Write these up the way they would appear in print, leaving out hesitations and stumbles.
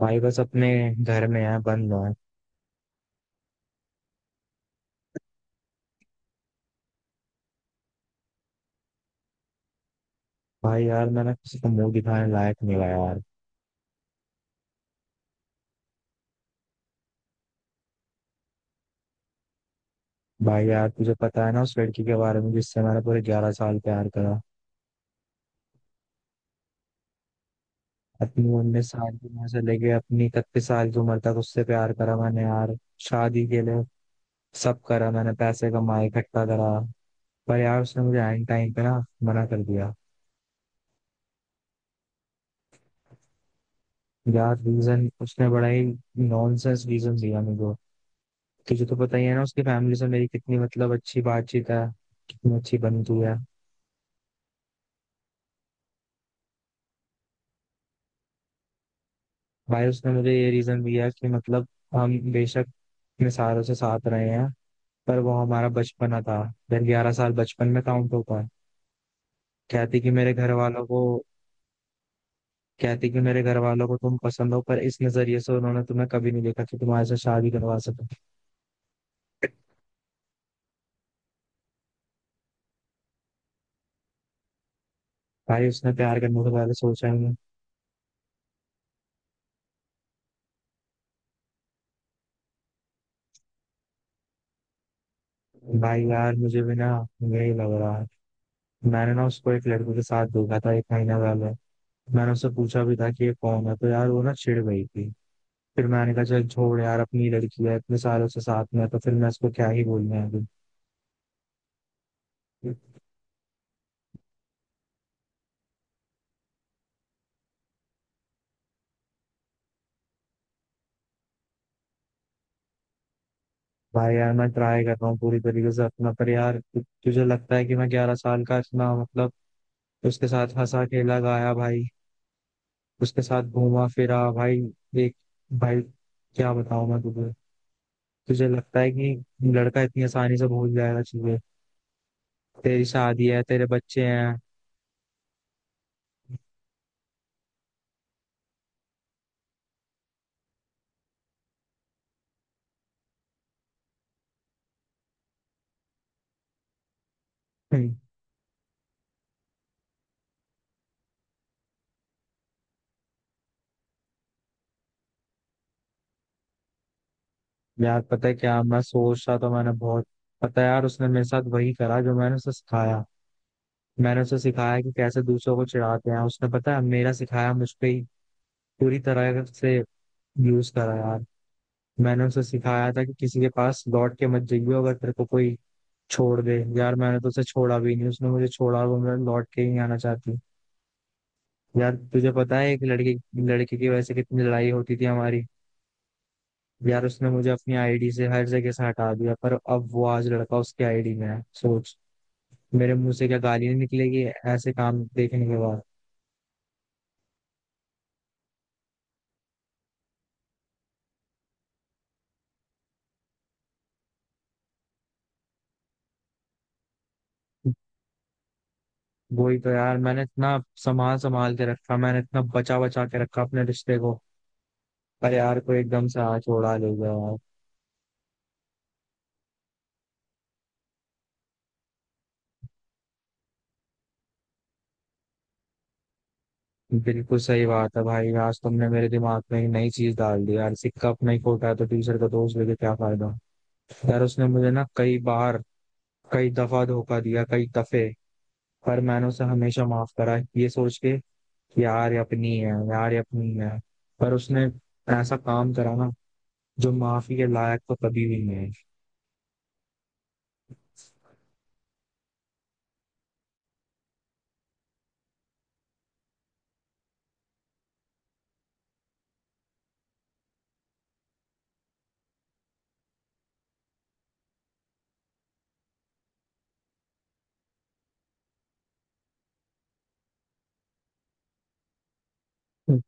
भाई बस अपने घर में है बंद है। भाई यार मैंने किसी को मुंह दिखाने लायक नहीं हुआ यार। भाई यार तुझे पता है ना, उस लड़की के बारे में जिससे मैंने पूरे 11 साल प्यार करा। अपनी 19 साल की उम्र से लेके अपनी 31 साल की उम्र तक उससे प्यार करा मैंने यार। शादी के लिए सब करा, मैंने पैसे कमाए, इकट्ठा करा। पर यार उसने मुझे एंड टाइम पे ना मना कर दिया। यार रीजन उसने बड़ा ही नॉनसेंस रीजन दिया मुझे। तुझे तो पता ही है ना, उसकी फैमिली से मेरी कितनी मतलब अच्छी बातचीत है, कितनी अच्छी बनती है। भाई उसने मुझे ये रीजन दिया कि मतलब हम बेशक अपने सारों से साथ रहे हैं, पर वो हमारा बचपना था। फिर 11 साल बचपन में काउंट होता है। कहती कि मेरे घर वालों को, कहती कि मेरे घर वालों को तुम पसंद हो, पर इस नजरिए से उन्होंने तुम्हें कभी नहीं देखा कि तुम्हारे से शादी करवा सके। भाई उसने प्यार करने से पहले सोचा ही नहीं। भाई यार मुझे भी ना यही लग रहा है। मैंने ना उसको एक लड़के के साथ देखा था एक महीना पहले। मैंने उससे पूछा भी था कि ये कौन है, तो यार वो ना चिढ़ गई थी। फिर मैंने कहा चल छोड़ यार, अपनी लड़की है, इतने सालों से साथ में है, तो फिर मैं इसको क्या ही बोलना है अभी। भाई यार मैं ट्राई कर रहा हूँ पूरी तरीके से अपना, पर यार तुझे लगता है कि मैं 11 साल का इतना मतलब उसके साथ हंसा खेला गाया भाई, उसके साथ घूमा फिरा भाई। देख भाई, क्या बताऊं मैं तुझे, तुझे लगता है कि लड़का इतनी आसानी से भूल जाएगा चीजें? तेरी शादी है, तेरे बच्चे हैं। हम्म। यार पता है क्या मैं सोच रहा, तो मैंने बहुत, पता है यार उसने मेरे साथ वही करा जो मैंने उसे सिखाया। मैंने उसे सिखाया कि कैसे दूसरों को चिढ़ाते हैं, उसने पता है मेरा सिखाया मुझ पे ही पूरी तरह से यूज करा यार। मैंने उसे सिखाया था कि किसी के पास लौट के मत जाइयो अगर तेरे को कोई छोड़ दे। यार मैंने तो उसे छोड़ा भी नहीं, उसने मुझे छोड़ा, और वो मेरे लौट के ही नहीं आना चाहती। यार तुझे पता है एक लड़के लड़के की वजह से कितनी लड़ाई होती थी हमारी। यार उसने मुझे अपनी आईडी से हर जगह से हटा दिया, पर अब वो आज लड़का उसकी आईडी में है, सोच। मेरे मुंह से क्या गालियां निकलेगी ऐसे काम देखने के बाद। वही तो यार, मैंने इतना संभाल संभाल के रखा, मैंने इतना बचा बचा के रखा अपने रिश्ते को। पर यार कोई एकदम से हाथ उड़ा ले गया यार। बिल्कुल सही बात है भाई, आज तुमने मेरे दिमाग में एक नई चीज डाल दी यार, सिक्का अपना ही खोटा है तो दूसरे का दोष लेके क्या फायदा। यार उसने मुझे ना कई बार, कई दफा धोखा दिया, कई दफे। पर मैंने उसे हमेशा माफ करा ये सोच के कि यार ये अपनी है, यार ये अपनी है। पर उसने ऐसा काम करा ना जो माफी के लायक तो कभी भी नहीं है।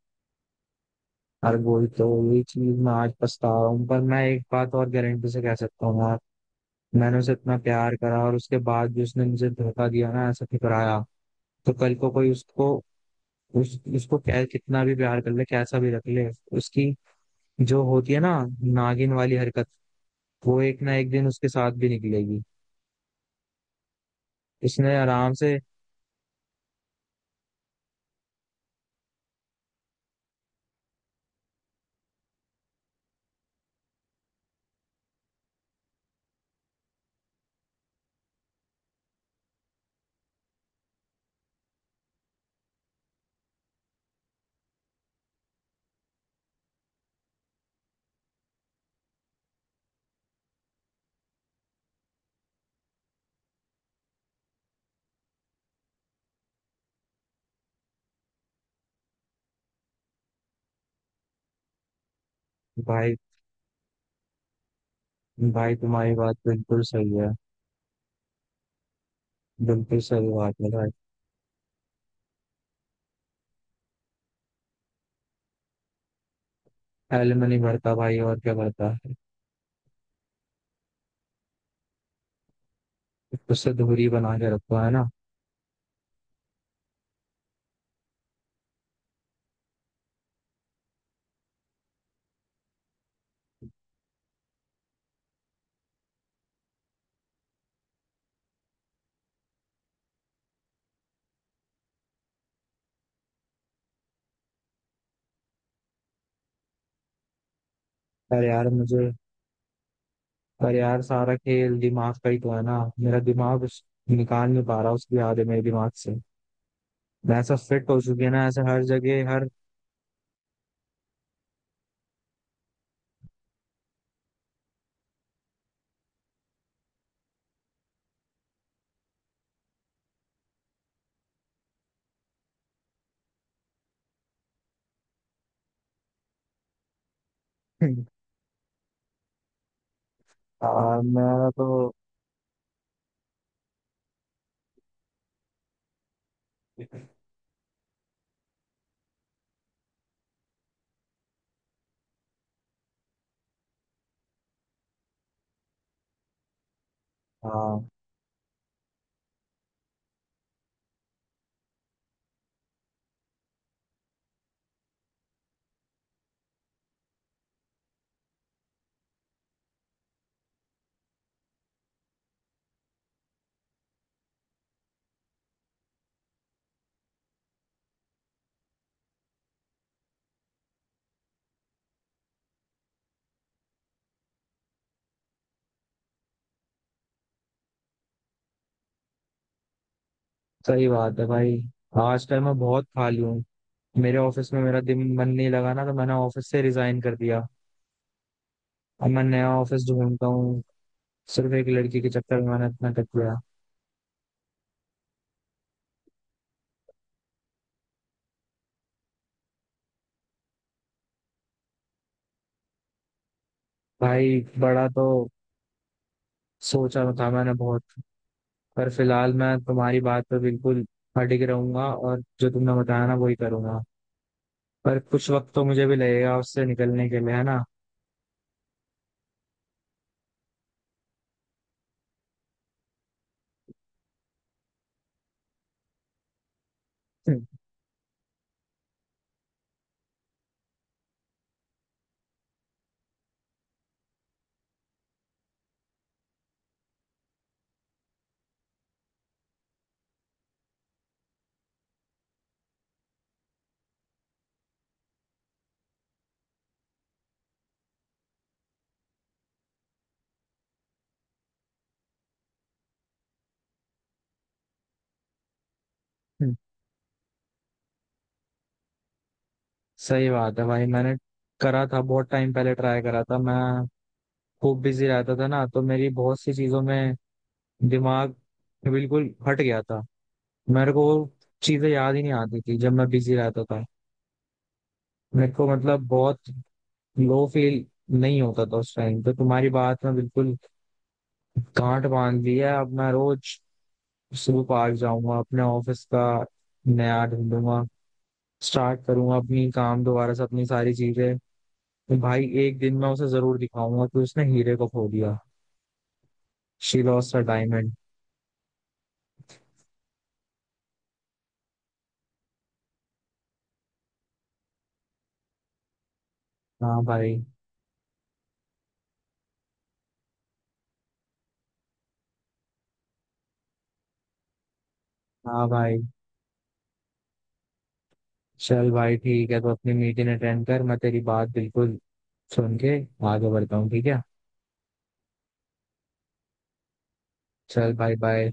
यार वही तो, यही चीज मैं आज पछता रहा हूँ। पर मैं एक बात और गारंटी से कह सकता हूँ यार, मैंने उसे इतना प्यार करा और उसके बाद भी उसने मुझे धोखा दिया ना, ऐसा ठुकराया। तो कल को कोई उसको, उस उसको क्या कितना भी प्यार कर ले, कैसा भी रख ले, उसकी जो होती है ना नागिन वाली हरकत वो एक ना एक दिन उसके साथ भी निकलेगी। इसने आराम से भाई। भाई तुम्हारी बात बिल्कुल सही है। बिल्कुल सही बात है भाई। एलिमनी भरता भाई, और क्या भरता। उससे दूरी बना के रखो है ना। अरे यार मुझे, पर यार सारा खेल दिमाग का ही तो है ना, मेरा दिमाग उस निकाल नहीं पा रहा, उसकी याद है मेरे दिमाग से। मैं ऐसा फिट हो चुकी है ना, ऐसे हर जगह हर मैं तो, हाँ। सही बात है भाई, आज टाइम मैं बहुत खाली हूँ। मेरे ऑफिस में मेरा दिन मन नहीं लगा ना, तो मैंने ऑफिस से रिजाइन कर दिया। अब मैं नया ऑफिस ढूंढता हूँ। सिर्फ एक लड़की के चक्कर में मैंने इतना कर दिया। भाई बड़ा तो सोचा था मैंने बहुत, पर फिलहाल मैं तुम्हारी बात पर बिल्कुल अडिग रहूंगा और जो तुमने बताया ना वही करूंगा। पर कुछ वक्त तो मुझे भी लगेगा उससे निकलने के लिए, है ना। हम्म, हम्म। सही बात है भाई, मैंने करा था बहुत टाइम पहले, ट्राई करा था। मैं खूब बिजी रहता था ना, तो मेरी बहुत सी चीजों में दिमाग बिल्कुल हट गया था। मेरे को वो चीजें याद ही नहीं आती थी जब मैं बिजी रहता था। मेरे को मतलब बहुत लो फील नहीं होता था उस टाइम। तो तुम्हारी बात में बिल्कुल गांठ बांध ली है। अब मैं रोज जू पार्क जाऊंगा, अपने ऑफिस का नया ढूंढूंगा, स्टार्ट करूंगा अपनी काम दोबारा से, अपनी सारी चीजें। तो भाई एक दिन मैं उसे जरूर दिखाऊंगा कि उसने हीरे को खो दिया। She lost her diamond. हाँ भाई। हाँ भाई, चल भाई ठीक है, तो अपनी मीटिंग अटेंड कर। मैं तेरी बात बिल्कुल सुन के आगे बढ़ता हूँ, ठीक है। चल भाई बाय।